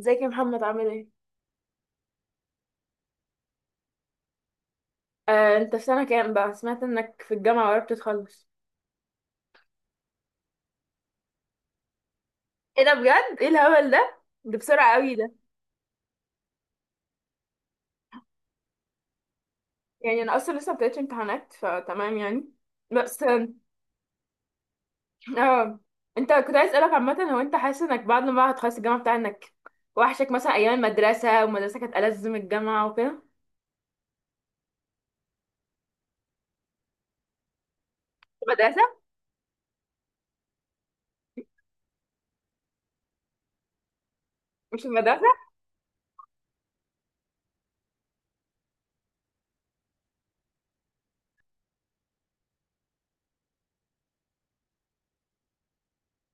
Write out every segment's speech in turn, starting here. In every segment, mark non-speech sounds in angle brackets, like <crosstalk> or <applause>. ازيك يا محمد؟ عامل ايه؟ آه، انت في سنة كام بقى؟ سمعت انك في الجامعة وقربت تخلص. ايه ده بجد؟ ايه الهبل ده؟ ده بسرعة قوي ده. يعني انا اصلا لسه مبدأتش امتحانات فتمام يعني. بس <laughs> اه، انت كنت عايز اسألك. عامة هو انت حاسس انك بعد ما بقى هتخلص الجامعة بتاع، انك وحشك مثلا ايام المدرسة، والمدرسة كانت ألذ من الجامعة وكده؟ المدرسة؟ مش المدرسة؟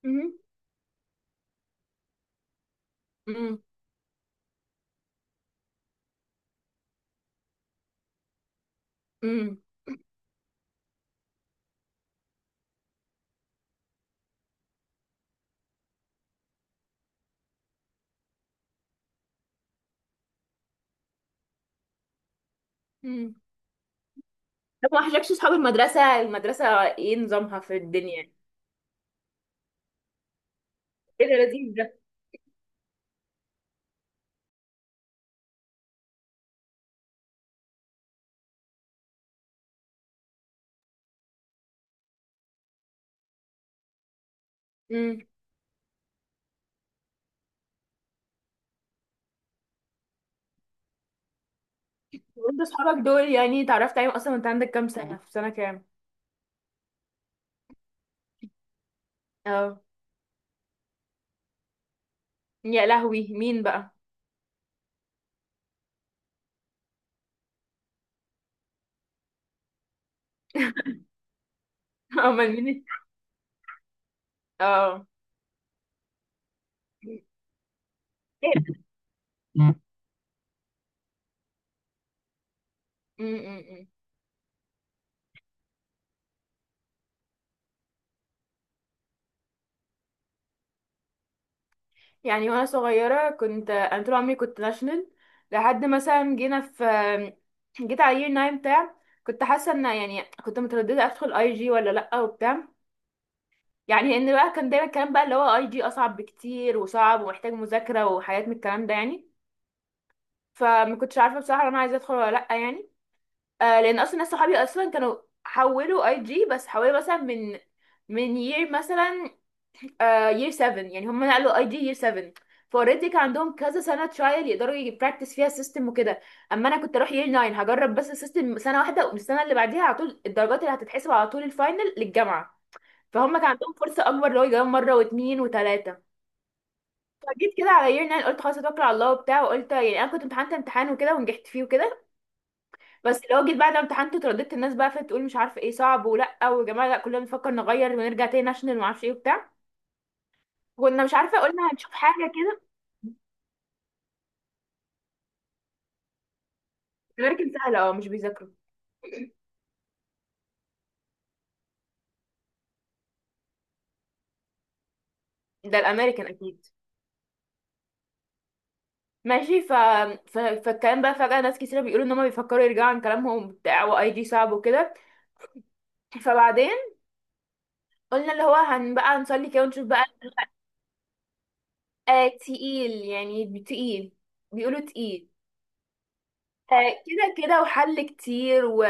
مم. مم. مم. مم. طب ما وحشكش اصحاب المدرسة؟ المدرسة ايه نظامها في الدنيا؟ ايه ده لذيذ. ده؟ وانت اصحابك دول يعني اتعرفت عليهم اصلا وانت عندك كام سنة؟ في سنة كام؟ اه. يا لهوي، مين بقى؟ <laughs> امال مين؟ اه. م-م-م. يعني وانا صغيرة كنت، انا طول عمري كنت ناشونال، لحد مثلا جينا في، جيت على يير 9 بتاع، كنت حاسة ان يعني كنت مترددة ادخل اي جي ولا لأ وبتاع. يعني ان بقى كان دايما الكلام بقى اللي هو اي جي اصعب بكتير، وصعب ومحتاج مذاكرة وحاجات من الكلام ده يعني. فما كنتش عارفة بصراحة انا عايزة ادخل ولا لأ يعني. آه، لان اصلا ناس صحابي اصلا كانوا حولوا اي جي، بس حولوا مثلا من year مثلا، آه year 7، يعني هم نقلوا اي جي year 7. فاوريدي كان عندهم كذا سنه ترايل يقدروا يبراكتس فيها السيستم وكده. اما انا كنت اروح year 9 هجرب بس السيستم سنه واحده، ومن السنه اللي بعديها على طول الدرجات اللي هتتحسب على طول الفاينل للجامعه. فهم كان عندهم فرصه اكبر لو يجربوا مره واثنين وثلاثه. فجيت كده على year 9، قلت خلاص اتوكل على الله وبتاع، وقلت يعني انا كنت امتحنت امتحان وكده ونجحت فيه وكده. بس لو جيت بعد ما امتحنت اترددت الناس بقى، فتقول مش عارفه ايه، صعب، ولا وجماعه لا كلنا بنفكر نغير ونرجع تاني ناشونال وما اعرفش ايه وبتاع. كنا مش عارفه، قلنا هنشوف حاجه كده. الامريكان سهله اه، مش بيذاكروا. ده الامريكان اكيد. ماشي، فالكلام بقى فجاه ناس كتير بيقولوا ان هم بيفكروا يرجعوا عن كلامهم بتاع، واي جي صعب وكده. فبعدين قلنا اللي هو هن بقى نصلي كده ونشوف بقى. آه تقيل، يعني تقيل، بيقولوا تقيل. آه، كده كده وحل كتير و...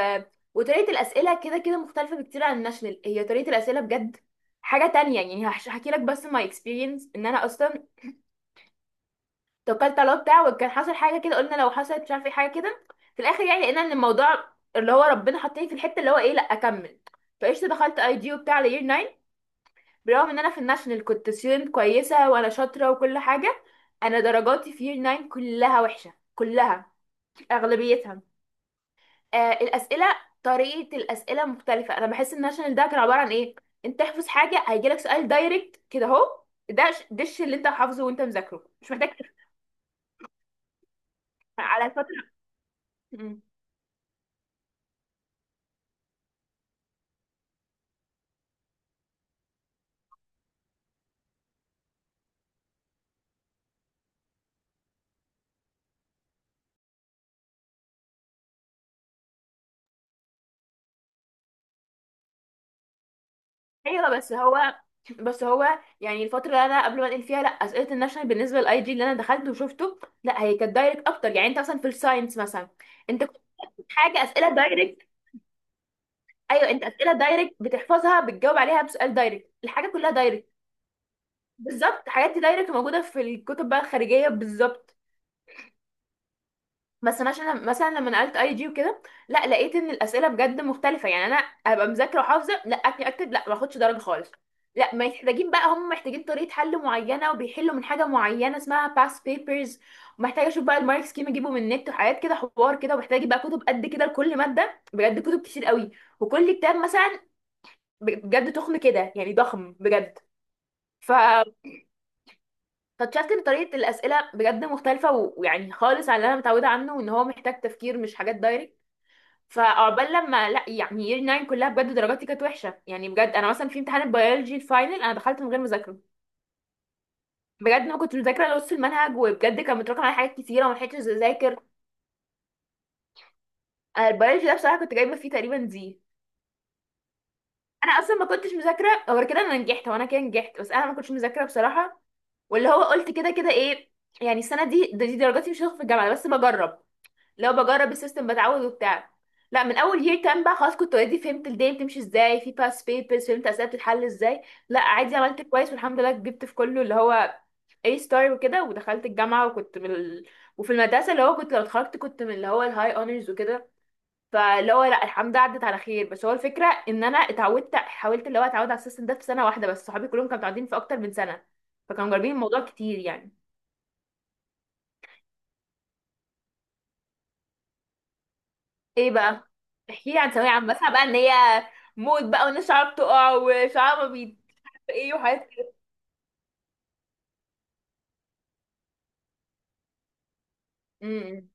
وطريقة الأسئلة كده كده مختلفة بكتير عن الناشونال، هي طريقة الأسئلة بجد حاجة تانية. يعني هحكي لك بس ماي اكسبيرينس إن أنا أصلا توكلت على الله بتاع وكان حصل حاجة كده قلنا لو حصلت مش عارفة ايه حاجة كده. في الآخر يعني لقينا إن الموضوع اللي هو ربنا حطني في الحتة اللي هو إيه، لأ أكمل. فقشطة دخلت أي جي وبتاع على يير 9. برغم إن أنا في الناشونال كنت ستودنت كويسة وأنا شاطرة وكل حاجة، أنا درجاتي في يير 9 كلها وحشة، كلها أغلبيتها. آه الاسئله، طريقه الاسئله مختلفه. انا بحس ان ناشونال ده كان عباره عن ايه؟ انت احفظ حاجه هيجيلك سؤال دايركت كده اهو. ده الش اللي انت حافظه وانت مذاكره مش محتاج تفهم. على الفتره، مم. ايوه بس هو، يعني الفتره اللي انا قبل ما انقل فيها، لا اسئله الناشونال بالنسبه للاي جي اللي انا دخلته وشفته، لا هي كانت دايركت اكتر. يعني انت مثلا في الساينس مثلا، انت كنت حاجه اسئله دايركت. ايوه، انت اسئله دايركت بتحفظها بتجاوب عليها بسؤال دايركت، الحاجه كلها دايركت. بالظبط، حاجات دي دايركت موجوده في الكتب بقى الخارجيه، بالظبط. بس انا عشان مثلا لما نقلت اي جي وكده، لا لقيت ان الاسئله بجد مختلفه. يعني انا ابقى مذاكره وحافظه، لا اجي اكتب، لا ما اخدش درجه خالص. لا محتاجين بقى، هم محتاجين طريقه حل معينه، وبيحلوا من حاجه معينه اسمها باس بيبرز. ومحتاجه اشوف بقى المارك سكيم، اجيبه من النت وحاجات كده حوار كده. ومحتاجه بقى كتب قد كده لكل ماده، بجد كتب كتير قوي. وكل كتاب مثلا بجد تخن كده، يعني ضخم بجد. ف فاكتشفت ان طريقة الأسئلة بجد مختلفة ويعني خالص عن اللي انا متعودة عنه، وان هو محتاج تفكير مش حاجات دايركت. فعقبال لما لا، يعني يير 9 كلها بجد درجاتي كانت وحشة يعني بجد. انا مثلا في امتحان البيولوجي الفاينل انا دخلت من غير مذاكرة، بجد ما كنت مذاكرة نص المنهج، وبجد كان متراكم على حاجات كتيرة وما لحقتش اذاكر. أنا البيولوجي ده بصراحة كنت جايبة فيه تقريبا دي. انا اصلا ما كنتش مذاكرة غير كده، انا نجحت وانا كده نجحت، بس انا ما كنتش مذاكرة بصراحة. واللي هو قلت كده كده ايه، يعني السنة دي درجاتي مش هتاخد في الجامعة بس بجرب، لو بجرب السيستم بتعود وبتاع. لا من اول year 10 بقى خلاص كنت اوريدي فهمت الدنيا بتمشي ازاي، في past papers فهمت اسئله بتتحل ازاي، لا عادي عملت كويس والحمد لله جبت في كله اللي هو A star وكده، ودخلت الجامعه، وكنت من ال... وفي المدرسه اللي هو كنت لو اتخرجت كنت من اللي هو الهاي اونرز وكده. فاللي هو لا الحمد لله عدت على خير. بس هو الفكره ان انا اتعودت، حاولت اللي هو اتعود على السيستم ده في سنه واحده، بس صحابي كلهم كانوا متعودين في اكتر من سنه، فكانوا جربين الموضوع كتير يعني. ايه بقى؟ احكي لي عن ثانوية عامة، بسمع بقى ان هي موت بقى، والناس شعرها بتقع وشعرها ما بيت، ايه وحاجات كده؟ امم.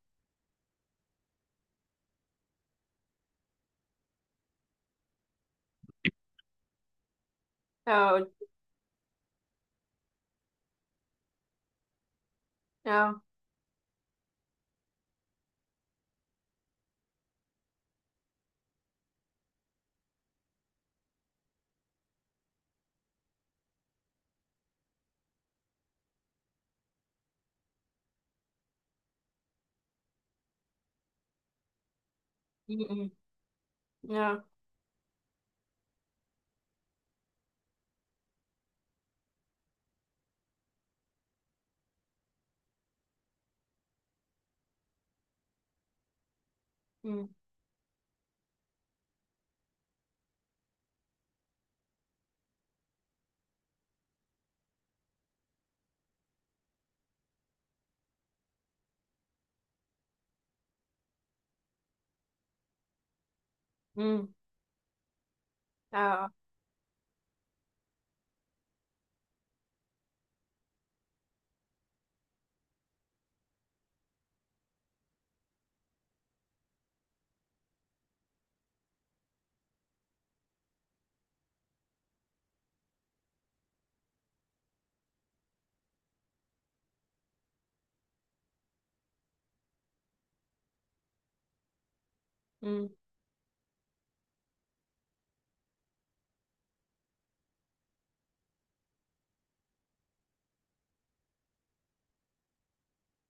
اه. اه. امم امم. اه. امم امم. اه. امم.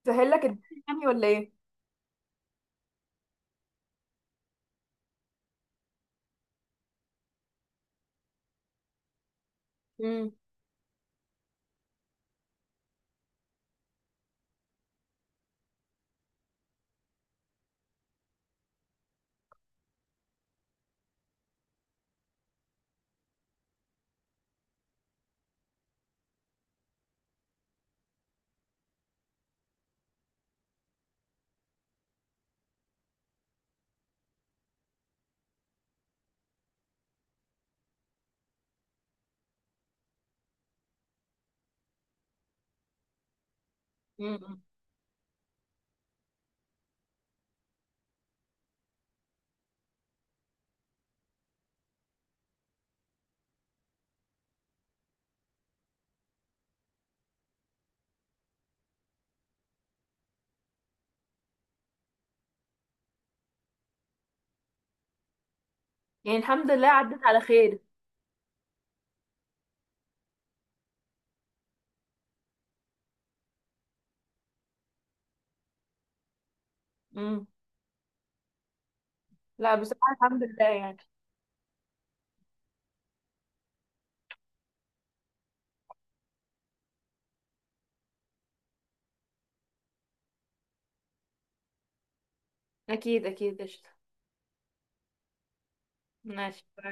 سهل لك الدنيا يعني ولا ايه؟ امم. امم امم. يعني الحمد لله عدت على خير. امم. لا بصراحة الحمد لله يعني. اكيد اكيد، قشطة. ماشي.